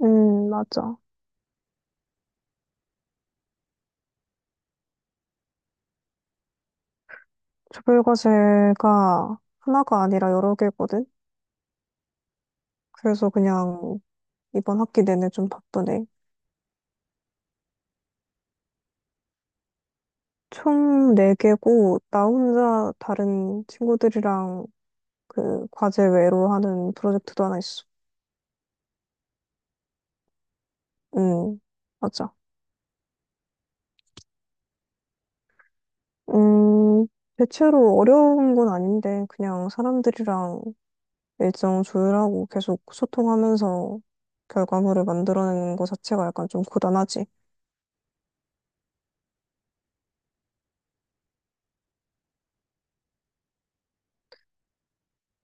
맞아. 조별과제가 하나가 아니라 여러 개거든? 그래서 그냥 이번 학기 내내 좀 바쁘네. 총 네개고나 혼자 다른 친구들이랑 그 과제 외로 하는 프로젝트도 하나 있어. 음, 맞아. 음, 대체로 어려운 건 아닌데, 그냥 사람들이랑 일정 조율하고 계속 소통하면서 결과물을 만들어내는 것 자체가 약간 좀 고단하지.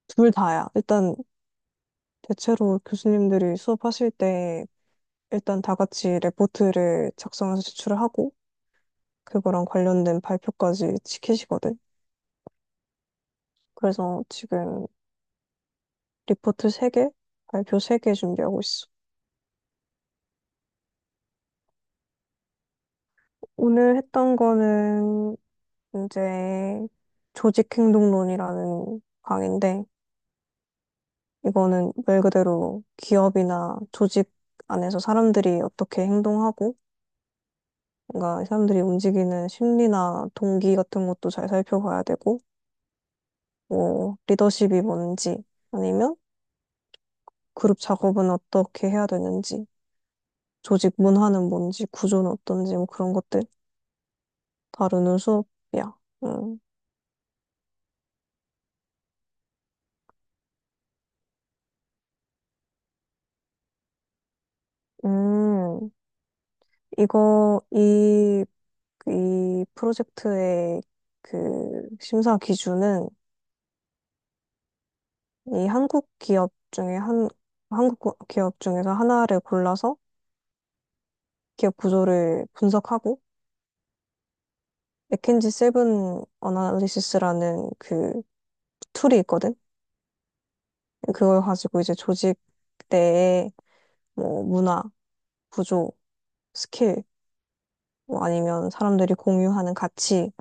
둘 다야. 일단 대체로 교수님들이 수업하실 때 일단 다 같이 레포트를 작성해서 제출을 하고 그거랑 관련된 발표까지 지키시거든. 그래서 지금 리포트 3개, 발표 3개 준비하고 있어. 오늘 했던 거는 이제 조직행동론이라는 강의인데 이거는 말 그대로 기업이나 조직 안에서 사람들이 어떻게 행동하고 뭔가 사람들이 움직이는 심리나 동기 같은 것도 잘 살펴봐야 되고 뭐 리더십이 뭔지 아니면 그룹 작업은 어떻게 해야 되는지 조직 문화는 뭔지 구조는 어떤지 뭐 그런 것들 다루는 수업이야. 음, 음 이거 이, 이 프로젝트의 그 심사 기준은 이 한국 기업 중에 한 한국 고- 기업 중에서 하나를 골라서 기업 구조를 분석하고 맥킨지 세븐 어나리시스라는 그 툴이 있거든. 그걸 가지고 이제 조직 내의 뭐 문화, 구조, 스킬, 뭐 아니면 사람들이 공유하는 가치,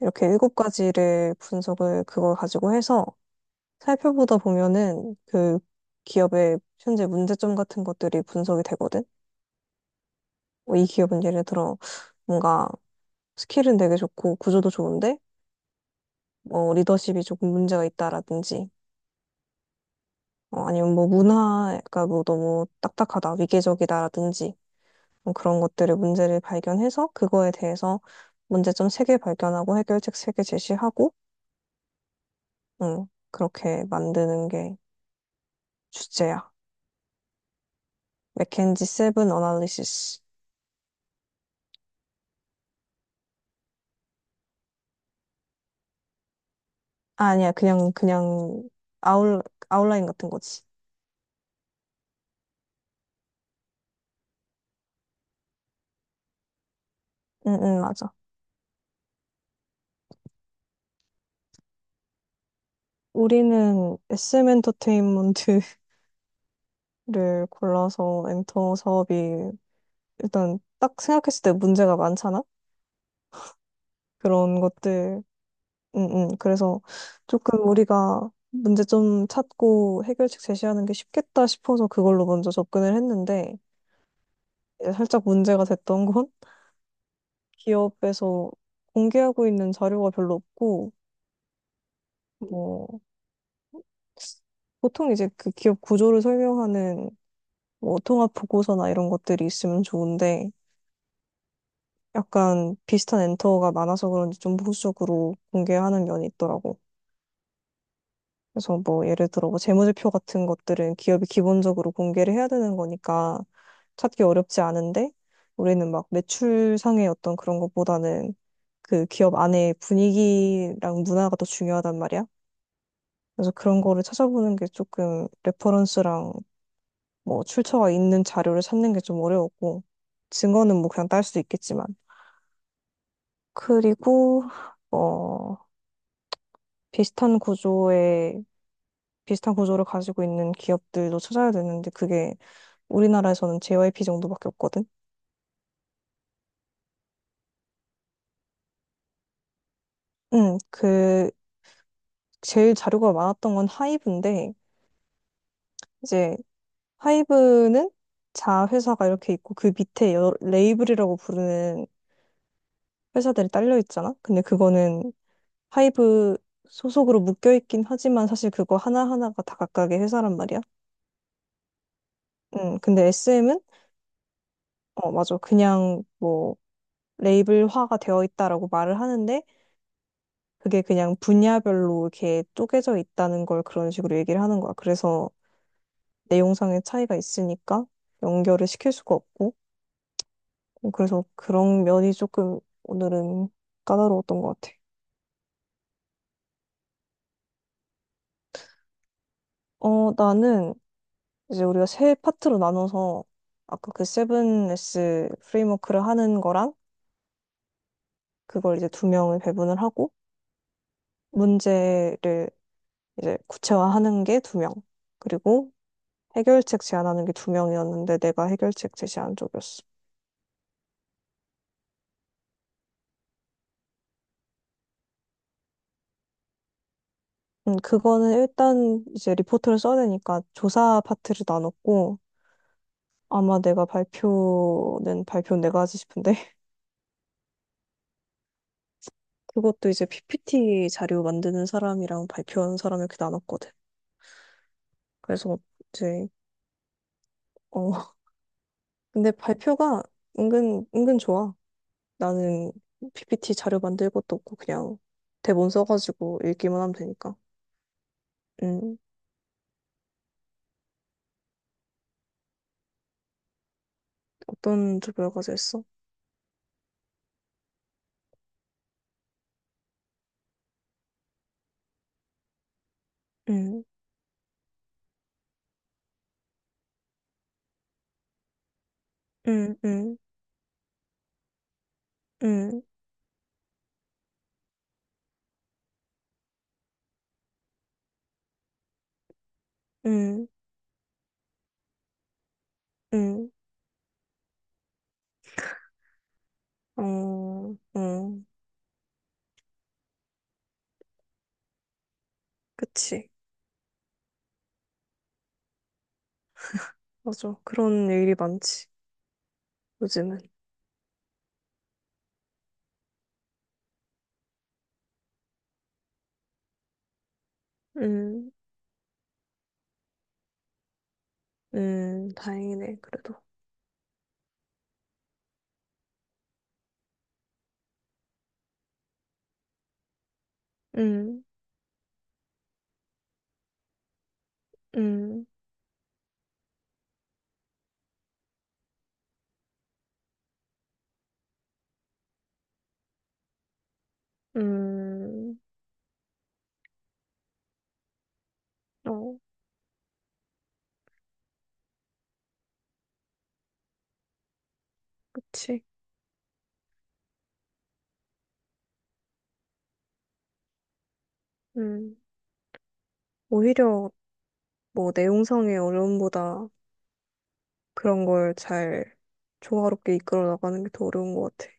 이렇게 일곱 가지를 분석을 그걸 가지고 해서 살펴보다 보면은 그 기업의 현재 문제점 같은 것들이 분석이 되거든. 뭐이 기업은 예를 들어 뭔가 스킬은 되게 좋고 구조도 좋은데 뭐 리더십이 조금 문제가 있다라든지 아니면 뭐 문화가 뭐 너무 딱딱하다, 위계적이다라든지 뭐 그런 것들의 문제를 발견해서 그거에 대해서 문제점 세 개 발견하고 해결책 세 개 제시하고 그렇게 만드는 게 주제야. 맥켄지 세븐 어널리시스. 아, 아니야. 그냥 아웃 아웃라인 같은 거지. 응, 응, 맞아. 우리는 SM 엔터테인먼트를 골라서 엔터 사업이 일단 딱 생각했을 때 문제가 많잖아? 그런 것들 그래서 조금 우리가 문제 좀 찾고 해결책 제시하는 게 쉽겠다 싶어서 그걸로 먼저 접근을 했는데 이제 살짝 문제가 됐던 건 기업에서 공개하고 있는 자료가 별로 없고 뭐 보통 이제 그 기업 구조를 설명하는 뭐 통합 보고서나 이런 것들이 있으면 좋은데 약간 비슷한 엔터가 많아서 그런지 좀 보수적으로 공개하는 면이 있더라고. 그래서 뭐 예를 들어 뭐 재무제표 같은 것들은 기업이 기본적으로 공개를 해야 되는 거니까 찾기 어렵지 않은데 우리는 막 매출상의 어떤 그런 것보다는 그 기업 안의 분위기랑 문화가 더 중요하단 말이야. 그래서 그런 거를 찾아보는 게 조금 레퍼런스랑 뭐 출처가 있는 자료를 찾는 게 좀 어려웠고 증거는 뭐 그냥 딸 수 있겠지만 그리고 어 비슷한 구조의 비슷한 구조를 가지고 있는 기업들도 찾아야 되는데 그게 우리나라에서는 JYP 정도밖에 없거든. 그 제일 자료가 많았던 건 하이브인데 이제 하이브는 자회사가 이렇게 있고 그 밑에 레이블이라고 부르는 회사들이 딸려 있잖아. 근데 그거는 하이브 소속으로 묶여 있긴 하지만 사실 그거 하나하나가 다 각각의 회사란 말이야. 근데 SM은 어, 맞아. 그냥 뭐 레이블화가 되어 있다라고 말을 하는데 그게 그냥 분야별로 이렇게 쪼개져 있다는 걸 그런 식으로 얘기를 하는 거야. 그래서 내용상의 차이가 있으니까 연결을 시킬 수가 없고 그래서 그런 면이 조금 오늘은 까다로웠던 것 같아. 나는 이제 우리가 세 파트로 나눠서 아까 그 7S 프레임워크를 하는 거랑 그걸 이제 두 명을 배분을 하고 문제를 이제 구체화하는 게 두 명, 그리고 해결책 제안하는 게 두 명이었는데 내가 해결책 제시한 쪽이었어. 그거는 일단 이제 리포트를 써야 되니까 조사 파트를 나눴고 아마 내가 발표는 내가 하지 싶은데 그것도 이제 PPT 자료 만드는 사람이랑 발표하는 사람 이렇게 나눴거든. 그래서 이제 어 근데 발표가 은근 은근 좋아. 나는 PPT 자료 만들 것도 없고 그냥 대본 써가지고 읽기만 하면 되니까. 음 어떤 조별 과제 했어? 음. 음. 음. 음. 음. 음. 어, 어 그치. 맞아. 그런 일이 많지, 요즘은. 음. 다행이네, 그래도. 음, 음, 음, 어, 그치. 음, 오히려 뭐 내용상의 어려움보다 그런 걸 잘 조화롭게 이끌어 나가는 게 더 어려운 것 같아.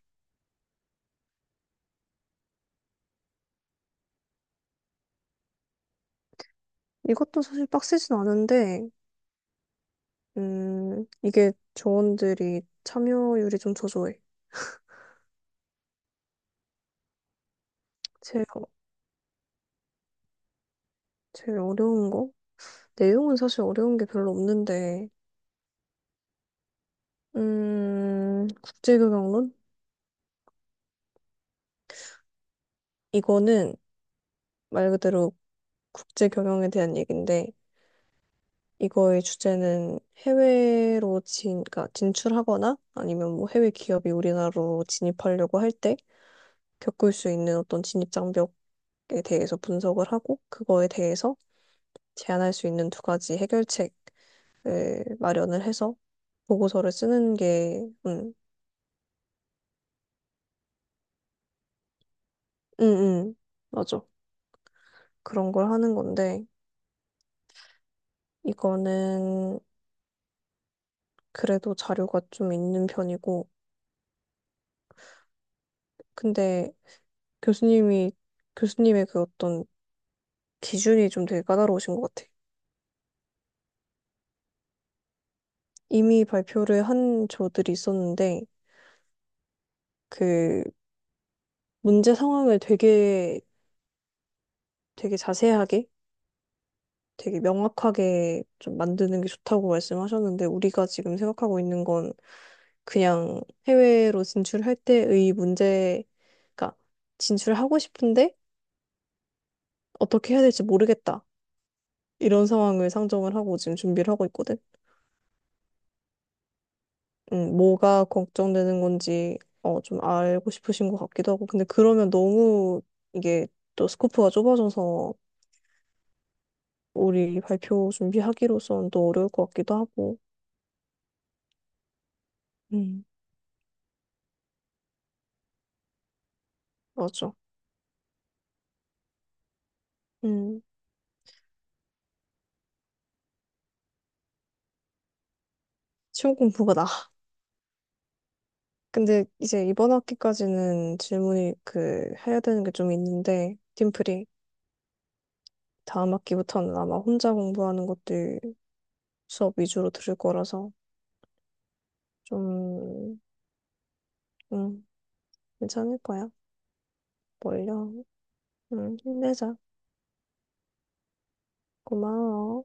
이것도 사실 빡세진 않은데, 이게 조원들이 참여율이 좀 저조해. 제일, 어- 제일 어려운 거? 내용은 사실 어려운 게 별로 없는데, 국제교양론? 이거는 말 그대로 국제 경영에 대한 얘기인데 이거의 주제는 그러니까 진출하거나 아니면 뭐 해외 기업이 우리나라로 진입하려고 할 때 겪을 수 있는 어떤 진입 장벽에 대해서 분석을 하고 그거에 대해서 제안할 수 있는 두 가지 해결책을 마련을 해서 보고서를 쓰는 게, 음, 음, 음, 맞아. 그런 걸 하는 건데 이거는 그래도 자료가 좀 있는 편이고 근데 교수님이 교수님의 그 어떤 기준이 좀 되게 까다로우신 것 같아요. 이미 발표를 한 저들이 있었는데, 그 문제 상황을 되게, 되게 자세하게, 되게 명확하게 좀 만드는 게 좋다고 말씀하셨는데, 우리가 지금 생각하고 있는 건 그냥 해외로 진출할 때의 문제, 그러니까 진출하고 싶은데 어떻게 해야 될지 모르겠다. 이런 상황을 상정을 하고 지금 준비를 하고 있거든. 뭐가 걱정되는 건지 좀 알고 싶으신 것 같기도 하고. 근데 그러면 너무 이게 또 스코프가 좁아져서 우리 발표 준비하기로선 또 어려울 것 같기도 하고. 음, 맞아. 음, 시험 공부가 나. 근데 이제 이번 학기까지는 질문이 그 해야 되는 게 좀 있는데 팀플이 다음 학기부터는 아마 혼자 공부하는 것들 수업 위주로 들을 거라서 좀 음, 괜찮을 거야. 멀려. 힘내자. 고마워.